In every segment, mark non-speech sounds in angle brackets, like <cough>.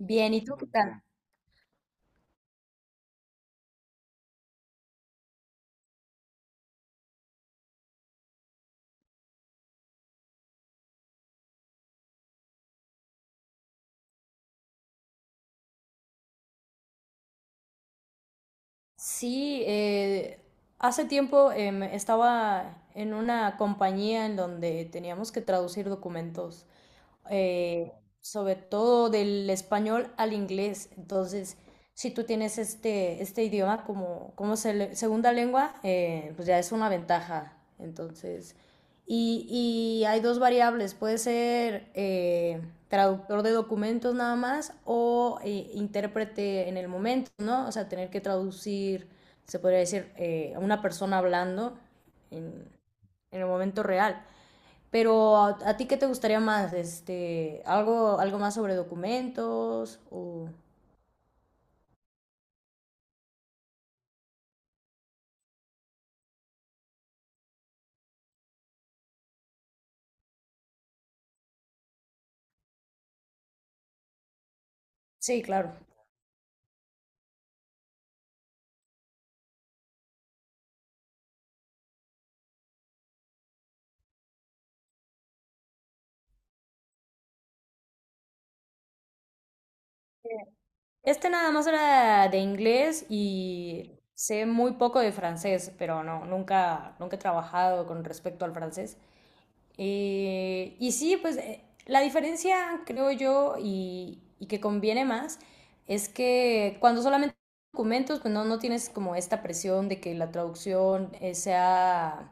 Bien, ¿y tú qué tal? Sí, hace tiempo estaba en una compañía en donde teníamos que traducir documentos eh, sobre todo del español al inglés. Entonces, si tú tienes este idioma como, segunda lengua, pues ya es una ventaja. Entonces, y, y hay dos variables, puede ser traductor de documentos nada más o intérprete en el momento, ¿no? O sea, tener que traducir, se podría decir, a una persona hablando en en el momento real. Pero a ti qué te gustaría más? Este, algo más sobre documentos o... Sí, claro. Este nada más era de inglés y sé muy poco de francés, pero no, nunca he trabajado con respecto al francés. Y sí, pues la diferencia, creo yo, y que conviene más, es que cuando solamente documentos, pues no, no tienes como esta presión de que la traducción sea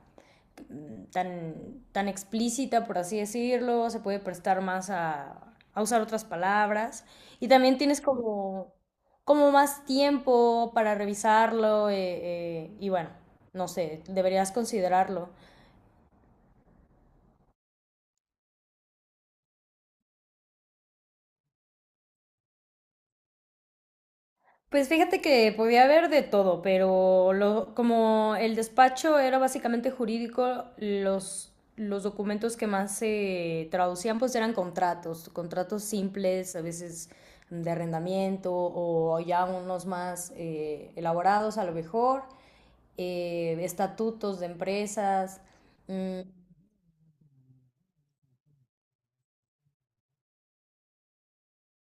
tan, tan explícita, por así decirlo, se puede prestar más a usar otras palabras. Y también tienes como, como más tiempo para revisarlo y bueno, no sé, deberías considerarlo. Pues fíjate que podía haber de todo, pero como el despacho era básicamente jurídico, los documentos que más se traducían pues eran contratos, contratos simples, a veces de arrendamiento o ya unos más elaborados a lo mejor, estatutos de empresas. mm,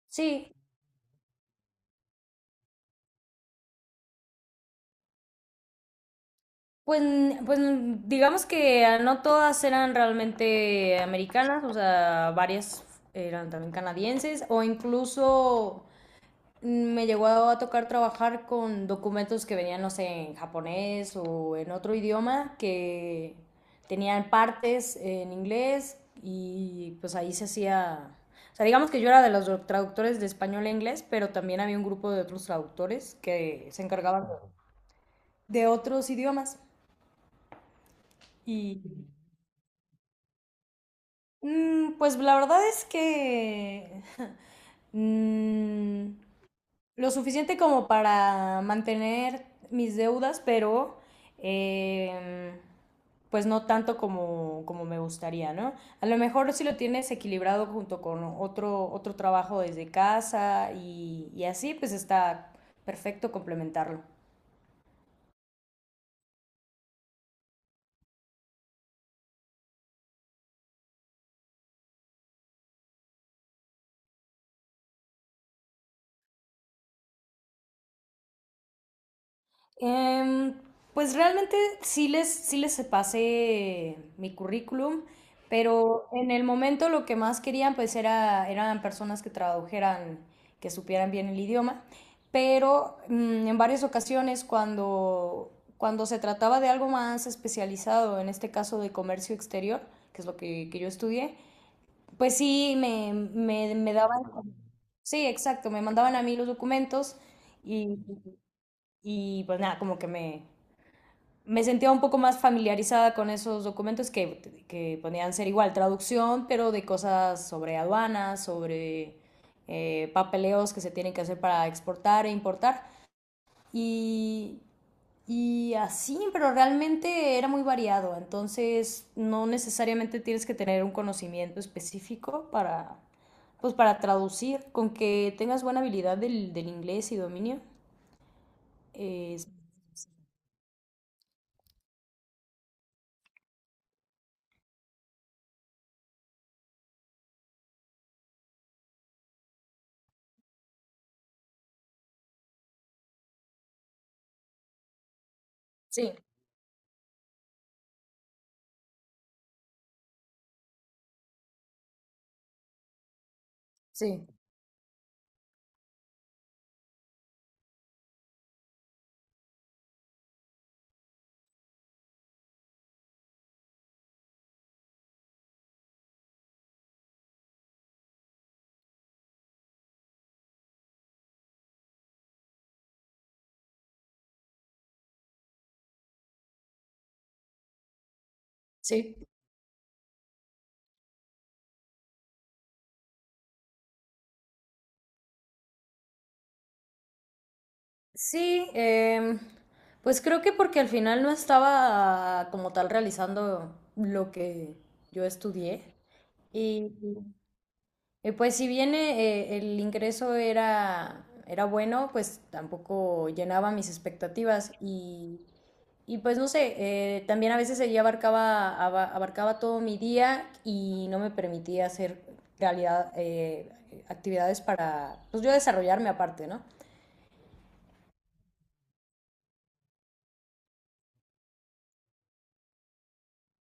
sí. Pues, pues digamos que no todas eran realmente americanas, o sea, varias eran también canadienses, o incluso me llegó a tocar trabajar con documentos que venían, no sé, en japonés o en otro idioma, que tenían partes en inglés y pues ahí se hacía, o sea, digamos que yo era de los traductores de español a inglés, pero también había un grupo de otros traductores que se encargaban de otros idiomas. Y pues la verdad es que <laughs> mm, lo suficiente como para mantener mis deudas, pero em, pues no tanto como, como me gustaría, ¿no? A lo mejor si lo tienes equilibrado junto con otro trabajo desde casa y así, pues está perfecto complementarlo. Em, pues realmente sí les pasé mi currículum, pero en el momento lo que más querían pues era, eran personas que tradujeran, que supieran bien el idioma, pero en varias ocasiones cuando se trataba de algo más especializado, en este caso de comercio exterior, que es que yo estudié, pues sí me daban... Sí, exacto, me mandaban a mí los documentos y, y pues nada, como que me sentía un poco más familiarizada con esos documentos que podían ser igual traducción, pero de cosas sobre aduanas, sobre papeleos que se tienen que hacer para exportar e importar. Y, y así, pero realmente era muy variado, entonces no necesariamente tienes que tener un conocimiento específico para, pues, para traducir, con que tengas buena habilidad del inglés y dominio. eh, sí, sí, sí. Sí, pues creo que porque al final no estaba como tal realizando lo que yo estudié. Y, y, pues si bien el ingreso era, era bueno, pues tampoco llenaba mis expectativas. Y, pues no sé, también a veces ella abarcaba, abarcaba todo mi día y no me permitía hacer realidad actividades para, pues yo desarrollarme aparte, ¿no?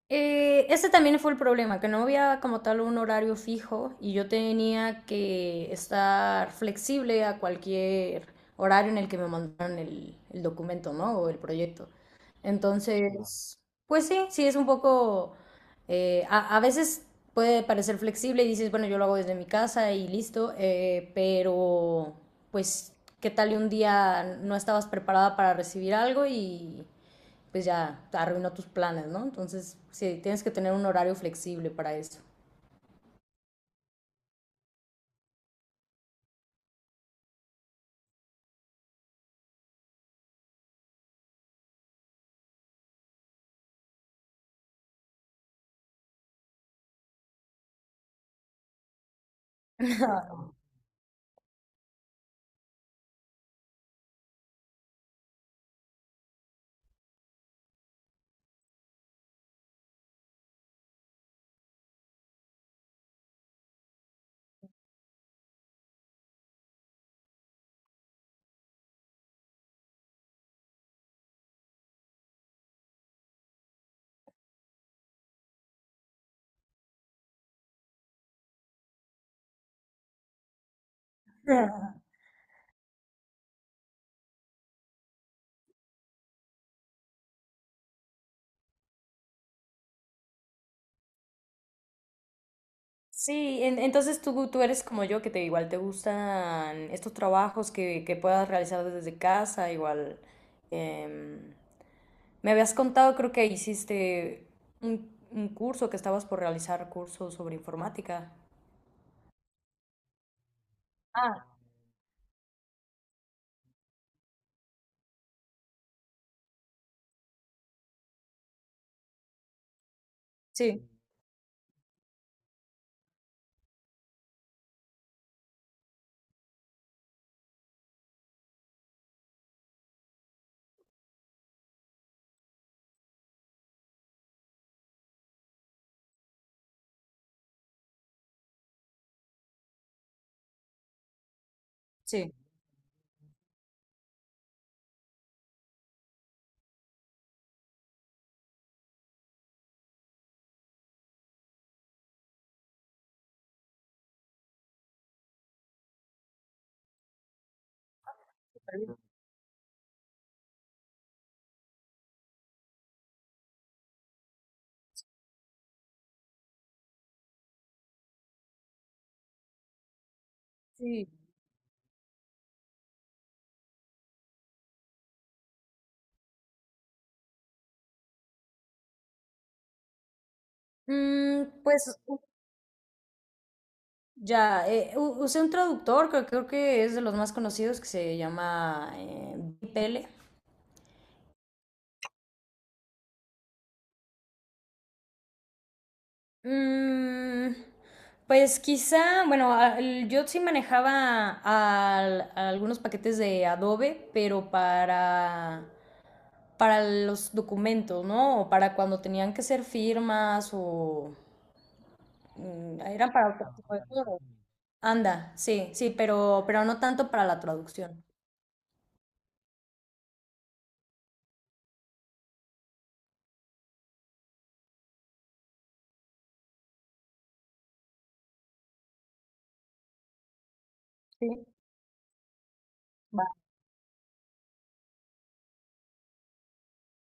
Ese también fue el problema, que no había como tal un horario fijo y yo tenía que estar flexible a cualquier horario en el que me mandaran el documento, ¿no? O el proyecto. Entonces, pues sí, sí es un poco, a veces puede parecer flexible y dices, bueno, yo lo hago desde mi casa y listo, pero pues, ¿qué tal y un día no estabas preparada para recibir algo y pues ya te arruinó tus planes, ¿no? Entonces, sí, tienes que tener un horario flexible para eso. Sí, entonces tú eres como yo, que te igual te gustan estos trabajos que puedas realizar desde casa, igual. em, Me habías contado, creo que hiciste un curso, que estabas por realizar cursos sobre informática. Ah, sí, sí. Sí. Mm, pues ya, usé un traductor que creo que es de los más conocidos que se llama DeepL. Mm, pues quizá, bueno, yo sí manejaba algunos paquetes de Adobe, pero para los documentos, ¿no? O para cuando tenían que ser firmas o eran para otro tipo de cosas. Anda, sí, sí, pero no tanto para la traducción. Sí, va.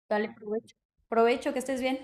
Dale, provecho. Provecho, que estés bien.